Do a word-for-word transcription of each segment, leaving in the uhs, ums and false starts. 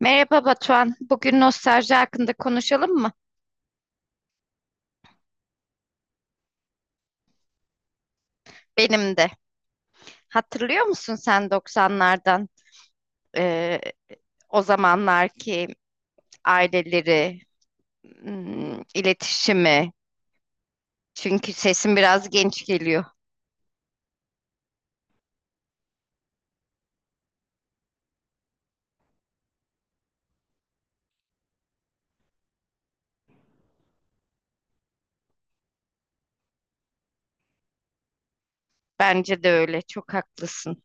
Merhaba Batuhan. Bugün nostalji hakkında konuşalım mı? Benim de. Hatırlıyor musun sen doksanlardan eee, o zamanlarki aileleri, hmm, iletişimi? Çünkü sesin biraz genç geliyor. Bence de öyle. Çok haklısın.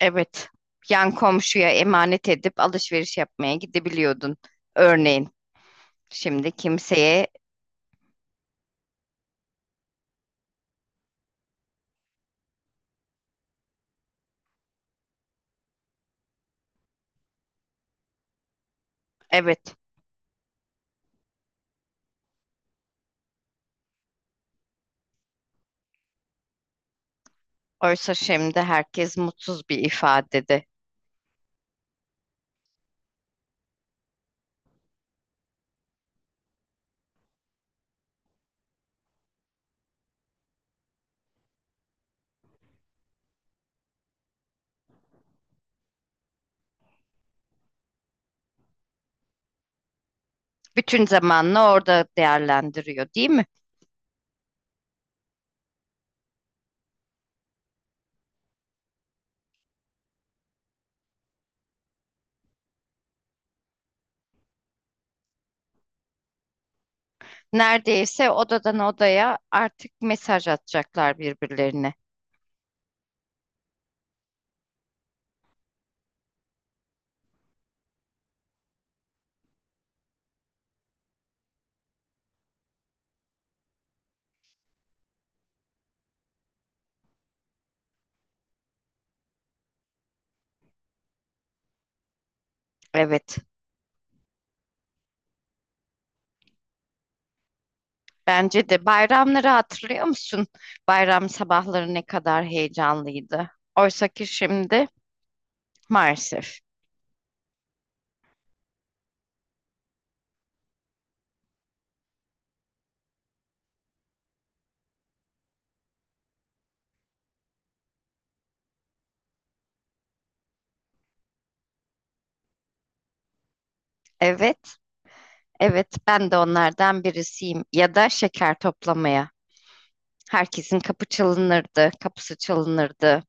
Evet. Yan komşuya emanet edip alışveriş yapmaya gidebiliyordun. Örneğin şimdi kimseye evet. Oysa şimdi herkes mutsuz bir ifadede. Bütün zamanını orada değerlendiriyor, değil mi? Neredeyse odadan odaya artık mesaj atacaklar birbirlerine. Evet. Bence de bayramları hatırlıyor musun? Bayram sabahları ne kadar heyecanlıydı. Oysa ki şimdi maalesef. Evet. Evet, ben de onlardan birisiyim. Ya da şeker toplamaya. Herkesin kapı çalınırdı, kapısı çalınırdı,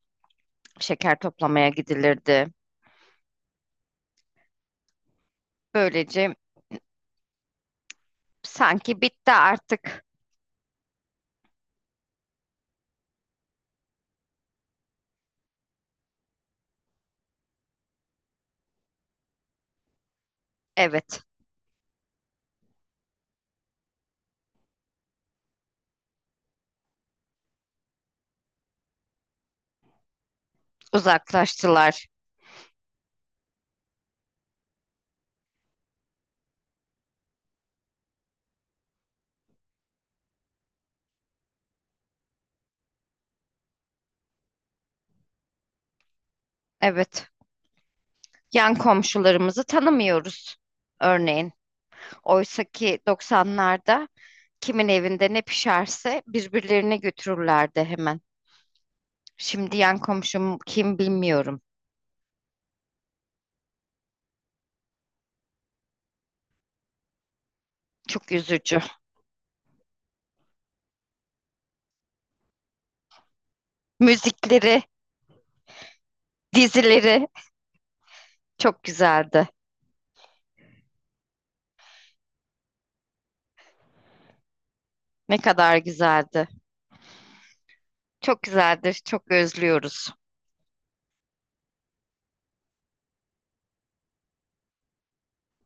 şeker toplamaya gidilirdi. Böylece sanki bitti artık. Evet, uzaklaştılar. Evet, yan komşularımızı tanımıyoruz. Örneğin, oysa ki doksanlarda kimin evinde ne pişerse birbirlerine götürürlerdi hemen. Şimdi yan komşum kim bilmiyorum. Çok üzücü. Müzikleri, dizileri. Çok güzeldi. Ne kadar güzeldi. Çok güzeldir. Çok özlüyoruz.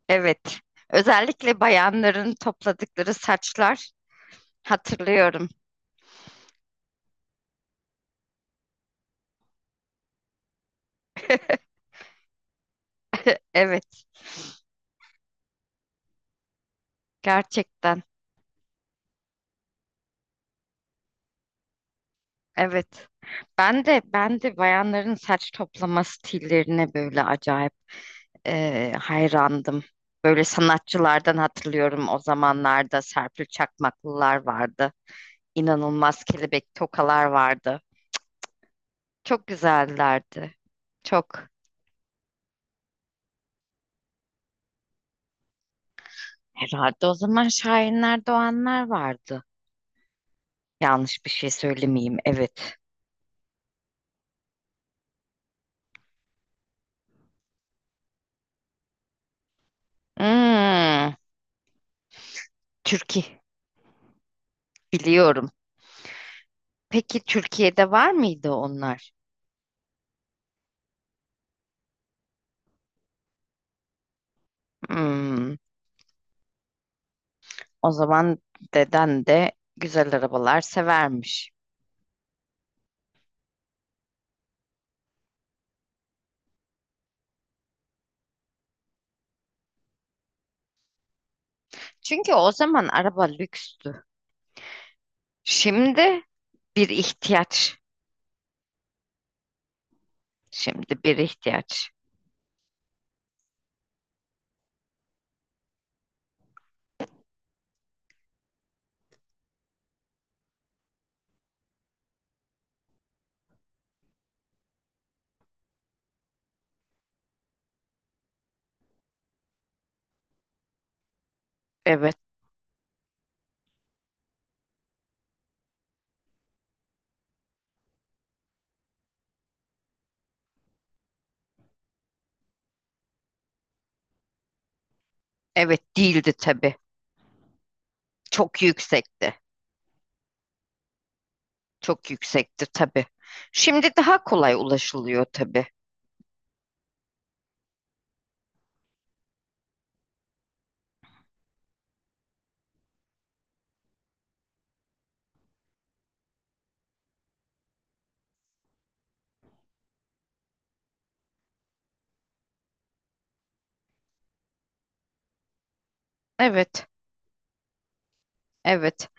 Evet. Özellikle bayanların topladıkları saçlar hatırlıyorum. Evet, gerçekten. Evet. Ben de ben de bayanların saç toplama stillerine böyle acayip eee, hayrandım. Böyle sanatçılardan hatırlıyorum, o zamanlarda Serpil Çakmaklılar vardı. İnanılmaz kelebek tokalar vardı. Çok güzellerdi. Çok. Herhalde o zaman şairler, doğanlar vardı. Yanlış bir şey söylemeyeyim. Evet. Hmm, Türkiye. Biliyorum. Peki Türkiye'de var mıydı onlar? Hmm, o zaman deden de güzel arabalar severmiş. Çünkü o zaman araba lükstü. Şimdi bir ihtiyaç. Şimdi bir ihtiyaç. Evet, evet değildi tabii. Çok yüksekti. Çok yüksekti tabii. Şimdi daha kolay ulaşılıyor tabii. Evet, evet.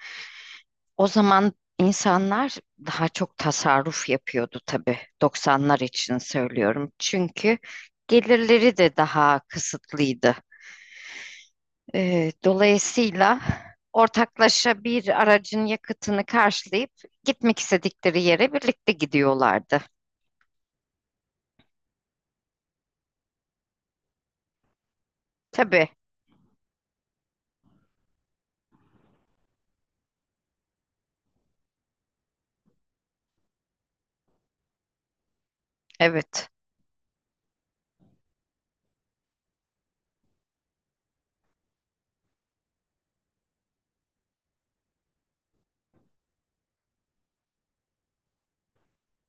O zaman insanlar daha çok tasarruf yapıyordu tabii. doksanlar için söylüyorum. Çünkü gelirleri de daha kısıtlıydı. Ee, dolayısıyla ortaklaşa bir aracın yakıtını karşılayıp gitmek istedikleri yere birlikte gidiyorlardı. Tabii, evet.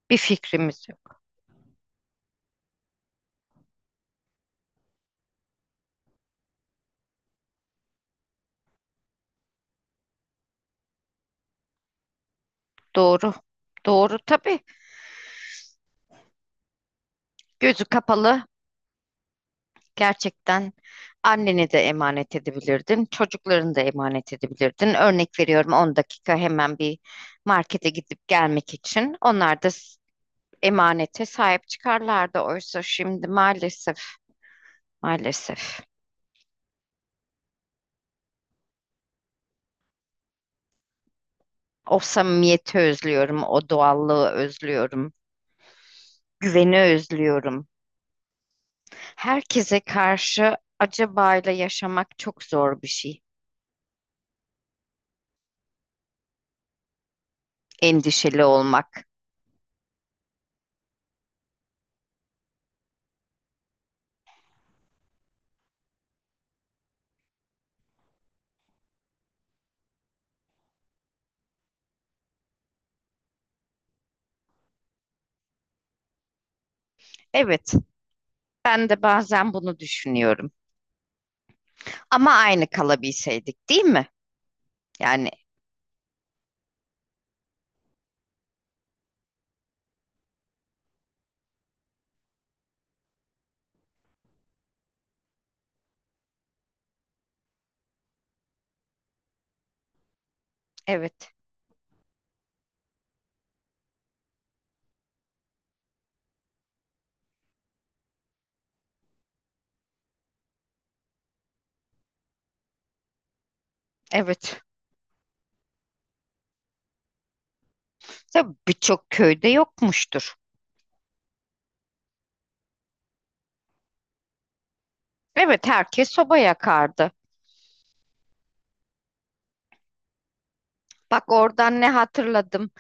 Bir fikrimiz yok. Doğru. Doğru tabii. Gözü kapalı gerçekten anneni de emanet edebilirdin, çocuklarını da emanet edebilirdin. Örnek veriyorum, on dakika hemen bir markete gidip gelmek için. Onlar da s- emanete sahip çıkarlardı. Oysa şimdi maalesef, maalesef. O samimiyeti özlüyorum, o doğallığı özlüyorum, güveni özlüyorum. Herkese karşı acabayla yaşamak çok zor bir şey. Endişeli olmak. Evet, ben de bazen bunu düşünüyorum. Ama aynı kalabilseydik, değil mi? Yani evet, evet. Tabii birçok köyde yokmuştur. Evet, herkes soba yakardı. Bak oradan ne hatırladım.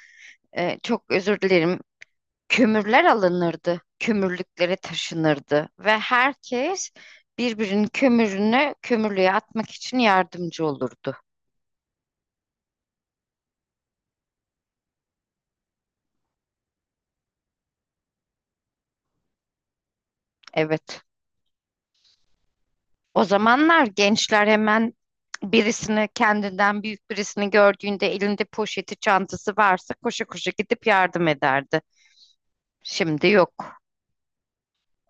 Ee, çok özür dilerim. Kömürler alınırdı, kömürlüklere taşınırdı ve herkes birbirinin kömürünü kömürlüğe atmak için yardımcı olurdu. Evet. O zamanlar gençler hemen birisini, kendinden büyük birisini gördüğünde elinde poşeti, çantası varsa koşa koşa gidip yardım ederdi. Şimdi yok.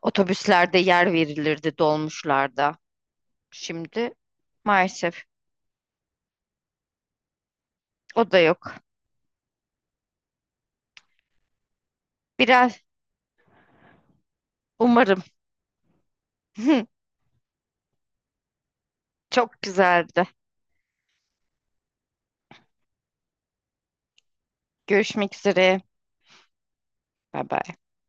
Otobüslerde yer verilirdi, dolmuşlarda. Şimdi maalesef o da yok. Biraz umarım çok güzeldi. Görüşmek üzere. Bye bye.